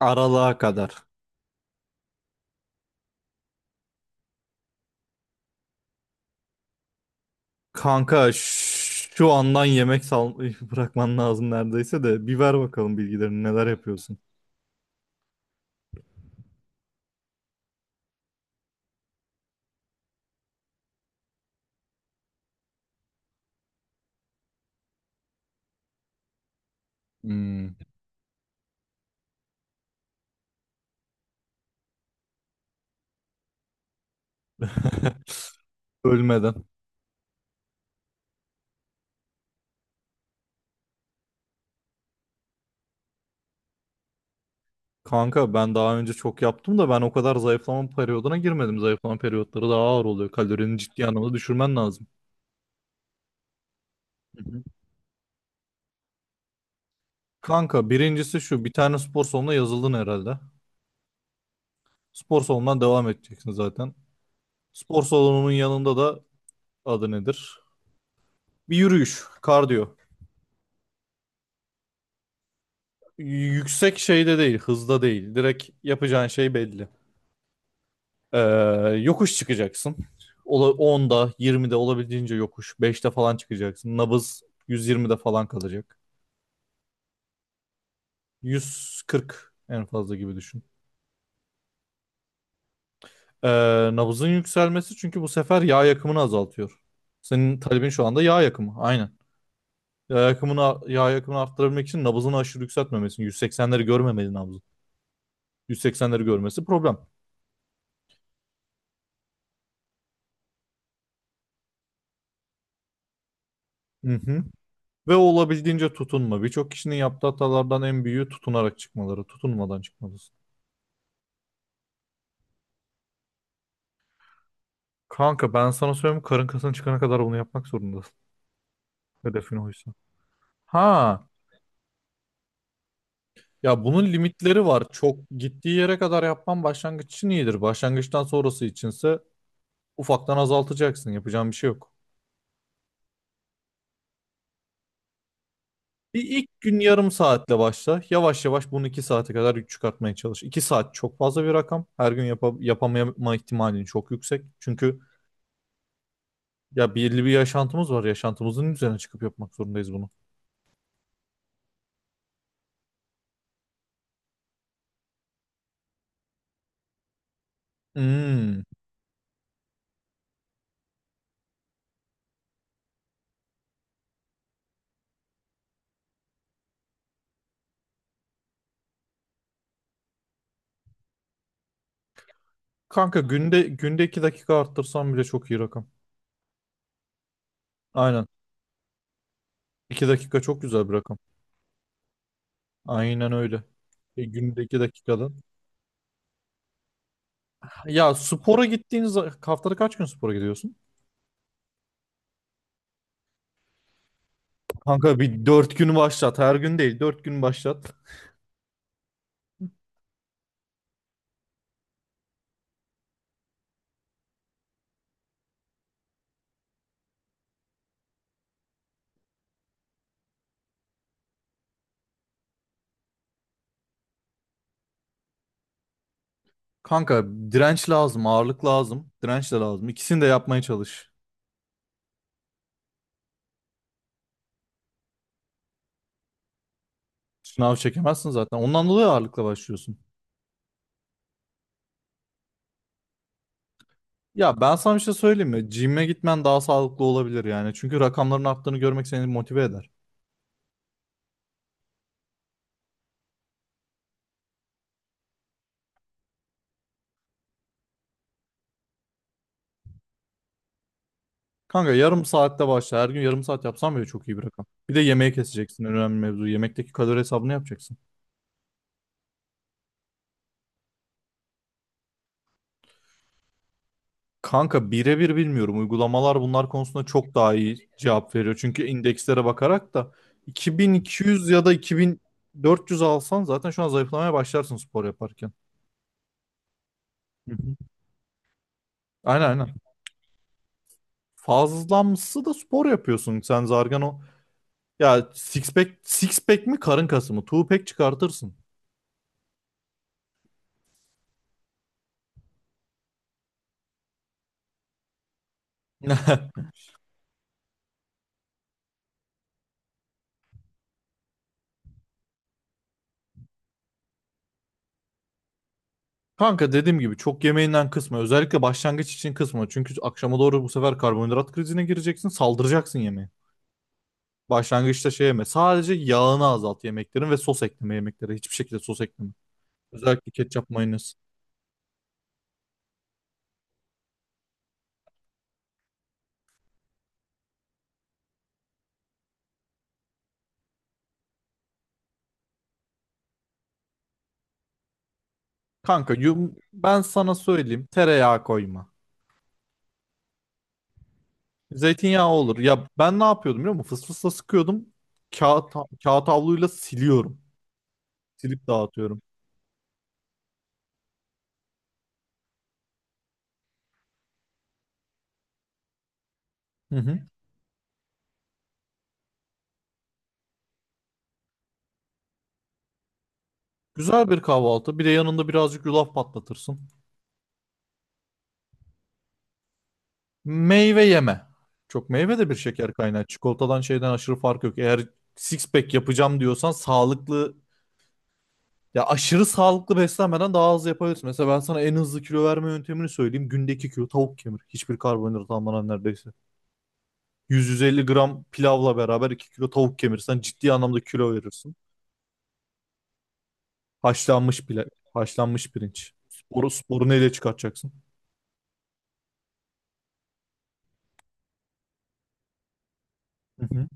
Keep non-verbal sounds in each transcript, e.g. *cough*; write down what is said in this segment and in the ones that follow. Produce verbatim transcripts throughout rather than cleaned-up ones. Aralığa kadar. Kanka ş- şu andan yemek sal *laughs* bırakman lazım neredeyse de. Bir ver bakalım bilgilerini neler yapıyorsun. Hmm. *laughs* Ölmeden. Kanka ben daha önce çok yaptım da ben o kadar zayıflama periyoduna girmedim. Zayıflama periyotları daha ağır oluyor. Kalorini ciddi anlamda düşürmen lazım. Hı hı. Kanka birincisi şu bir tane spor salonuna yazıldın herhalde. Spor salonundan devam edeceksin zaten. Spor salonunun yanında da adı nedir? Bir yürüyüş, kardiyo. Yüksek şeyde değil, hızda değil. Direkt yapacağın şey belli. Ee, Yokuş çıkacaksın. Ola- onda, yirmide olabildiğince yokuş. beşte falan çıkacaksın. Nabız yüz yirmide falan kalacak. yüz kırk en fazla gibi düşün. Ee, nabızın yükselmesi çünkü bu sefer yağ yakımını azaltıyor. Senin talebin şu anda yağ yakımı. Aynen. Yağ yakımını, yağ yakımını arttırabilmek için nabızını aşırı yükseltmemesin. yüz seksenleri görmemeli nabzı. yüz seksenleri görmesi problem. Mhm. Ve olabildiğince tutunma. Birçok kişinin yaptığı hatalardan en büyüğü tutunarak çıkmaları. Tutunmadan çıkmalısın. Kanka ben sana söyleyeyim karın kasına çıkana kadar bunu yapmak zorundasın. Hedefin oysa. Ha ya bunun limitleri var. Çok gittiği yere kadar yapman başlangıç için iyidir. Başlangıçtan sonrası içinse ufaktan azaltacaksın. Yapacağın bir şey yok. Bir ilk gün yarım saatle başla. Yavaş yavaş bunu iki saate kadar çıkartmaya çalış. İki saat çok fazla bir rakam. Her gün yapa- yapamama ihtimalin çok yüksek. Çünkü ya belli bir yaşantımız var. Yaşantımızın üzerine çıkıp yapmak zorundayız bunu. Hmm. Kanka günde günde iki dakika arttırsam bile çok iyi rakam. Aynen. iki dakika çok güzel bir rakam. Aynen öyle. E, günde iki dakikadan. Ya spora gittiğiniz haftada kaç gün spora gidiyorsun? Kanka bir dört günü başlat. Her gün değil. Dört gün başlat. Kanka direnç lazım, ağırlık lazım, direnç de lazım. İkisini de yapmaya çalış. Sınav çekemezsin zaten. Ondan dolayı ağırlıkla başlıyorsun. Ya ben sana bir şey söyleyeyim mi? Gym'e gitmen daha sağlıklı olabilir yani. Çünkü rakamların arttığını görmek seni motive eder. Kanka yarım saatte başla. Her gün yarım saat yapsan bile çok iyi bir rakam. Bir de yemeği keseceksin. En önemli mevzu. Yemekteki kalori hesabını yapacaksın. Kanka birebir bilmiyorum. Uygulamalar bunlar konusunda çok daha iyi cevap veriyor. Çünkü indekslere bakarak da iki bin iki yüz ya da iki bin dört yüz alsan zaten şu an zayıflamaya başlarsın spor yaparken. Hı hı. Aynen aynen. Fazlamsı da spor yapıyorsun. Sen zargan o. Ya six pack, six pack mi karın kası mı? Two pack çıkartırsın. *laughs* Kanka dediğim gibi çok yemeğinden kısma. Özellikle başlangıç için kısma. Çünkü akşama doğru bu sefer karbonhidrat krizine gireceksin. Saldıracaksın yemeğe. Başlangıçta şey yeme. Sadece yağını azalt yemeklerin ve sos ekleme yemeklere. Hiçbir şekilde sos ekleme. Özellikle ketçap mayonez. Kanka yum, ben sana söyleyeyim. Tereyağı koyma. Zeytinyağı olur. Ya ben ne yapıyordum biliyor musun? Fıs fısla sıkıyordum. Kağıt, kağıt havluyla siliyorum. Silip dağıtıyorum. Hı hı. Güzel bir kahvaltı. Bir de yanında birazcık yulaf patlatırsın. Meyve yeme. Çok meyve de bir şeker kaynağı. Çikolatadan şeyden aşırı fark yok. Eğer six pack yapacağım diyorsan sağlıklı ya aşırı sağlıklı beslenmeden daha hızlı yapabilirsin. Mesela ben sana en hızlı kilo verme yöntemini söyleyeyim. Günde iki kilo tavuk kemir. Hiçbir karbonhidrat almadan neredeyse. yüz yüz elli gram pilavla beraber iki kilo tavuk kemirsen ciddi anlamda kilo verirsin. Haşlanmış pilav, haşlanmış pirinç. Sporu, sporu neyle çıkartacaksın? Hı hı.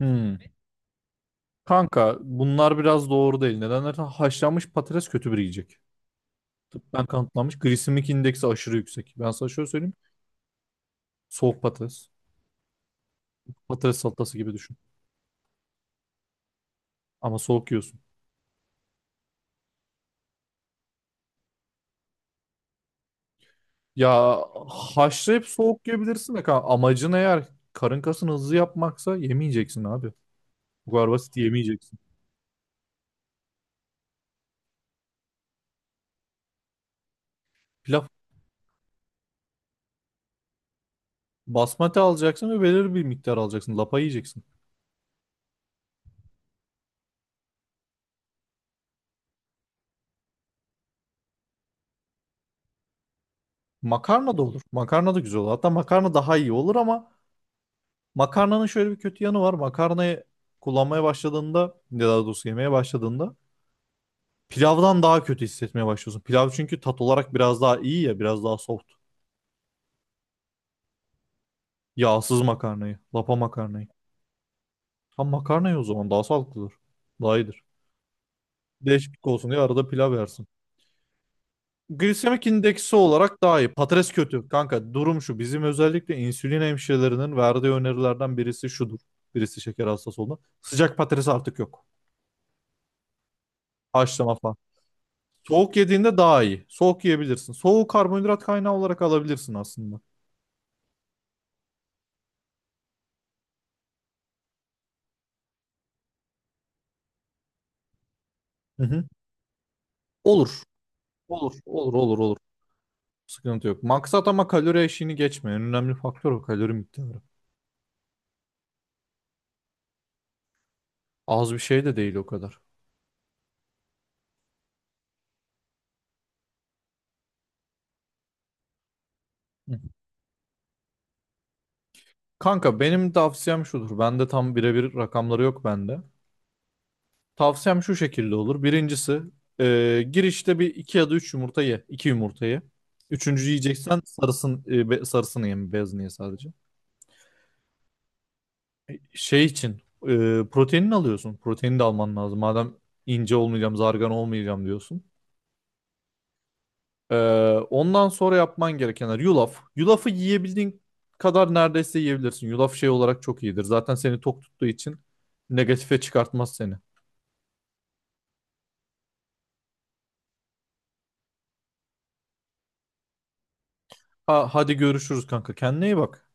Hmm. Kanka bunlar biraz doğru değil. Neden dersen haşlanmış patates kötü bir yiyecek. Tıbben kanıtlanmış. Glisemik indeksi aşırı yüksek. Ben sana şöyle söyleyeyim. Soğuk patates. Patates salatası gibi düşün. Ama soğuk yiyorsun. Ya haşlayıp soğuk yiyebilirsin de kanka. Amacın eğer karın kasını hızlı yapmaksa yemeyeceksin abi. Bu kadar basit yemeyeceksin. Pilav basmati alacaksın ve belirli bir miktar alacaksın. Lapa yiyeceksin. Makarna da olur. Makarna da güzel olur. Hatta makarna daha iyi olur ama makarnanın şöyle bir kötü yanı var. Makarnayı kullanmaya başladığında ya daha doğrusu yemeye başladığında pilavdan daha kötü hissetmeye başlıyorsun. Pilav çünkü tat olarak biraz daha iyi ya, biraz daha soft. Yağsız makarnayı, lapa makarnayı. Tam makarnayı o zaman daha sağlıklıdır. Daha iyidir. Değişiklik olsun diye arada pilav yersin. Glisemik indeksi olarak daha iyi. Patates kötü. Kanka durum şu. Bizim özellikle insülin hemşirelerinin verdiği önerilerden birisi şudur. Birisi şeker hastası olan. Sıcak patates artık yok. Haşlama falan. Soğuk yediğinde daha iyi. Soğuk yiyebilirsin. Soğuğu karbonhidrat kaynağı olarak alabilirsin aslında. Hı hı. Olur. Olur, olur, olur, olur. Sıkıntı yok. Maksat ama kalori eşiğini geçme. En önemli faktör o kalori miktarı. Az bir şey de değil o kadar. Hı. Kanka benim tavsiyem şudur. Bende tam birebir rakamları yok bende. Tavsiyem şu şekilde olur. Birincisi e, girişte bir iki ya da üç yumurta ye. İki yumurta ye. Üçüncü yiyeceksen sarısın, e, be- sarısını ye, beyazını ye sadece. Şey için e, proteinini alıyorsun. Protein de alman lazım. Madem ince olmayacağım, zargan olmayacağım diyorsun. Ee, ondan sonra yapman gerekenler yulaf. Yulafı yiyebildiğin kadar neredeyse yiyebilirsin. Yulaf şey olarak çok iyidir. Zaten seni tok tuttuğu için negatife çıkartmaz seni. Ha, hadi görüşürüz kanka. Kendine iyi bak.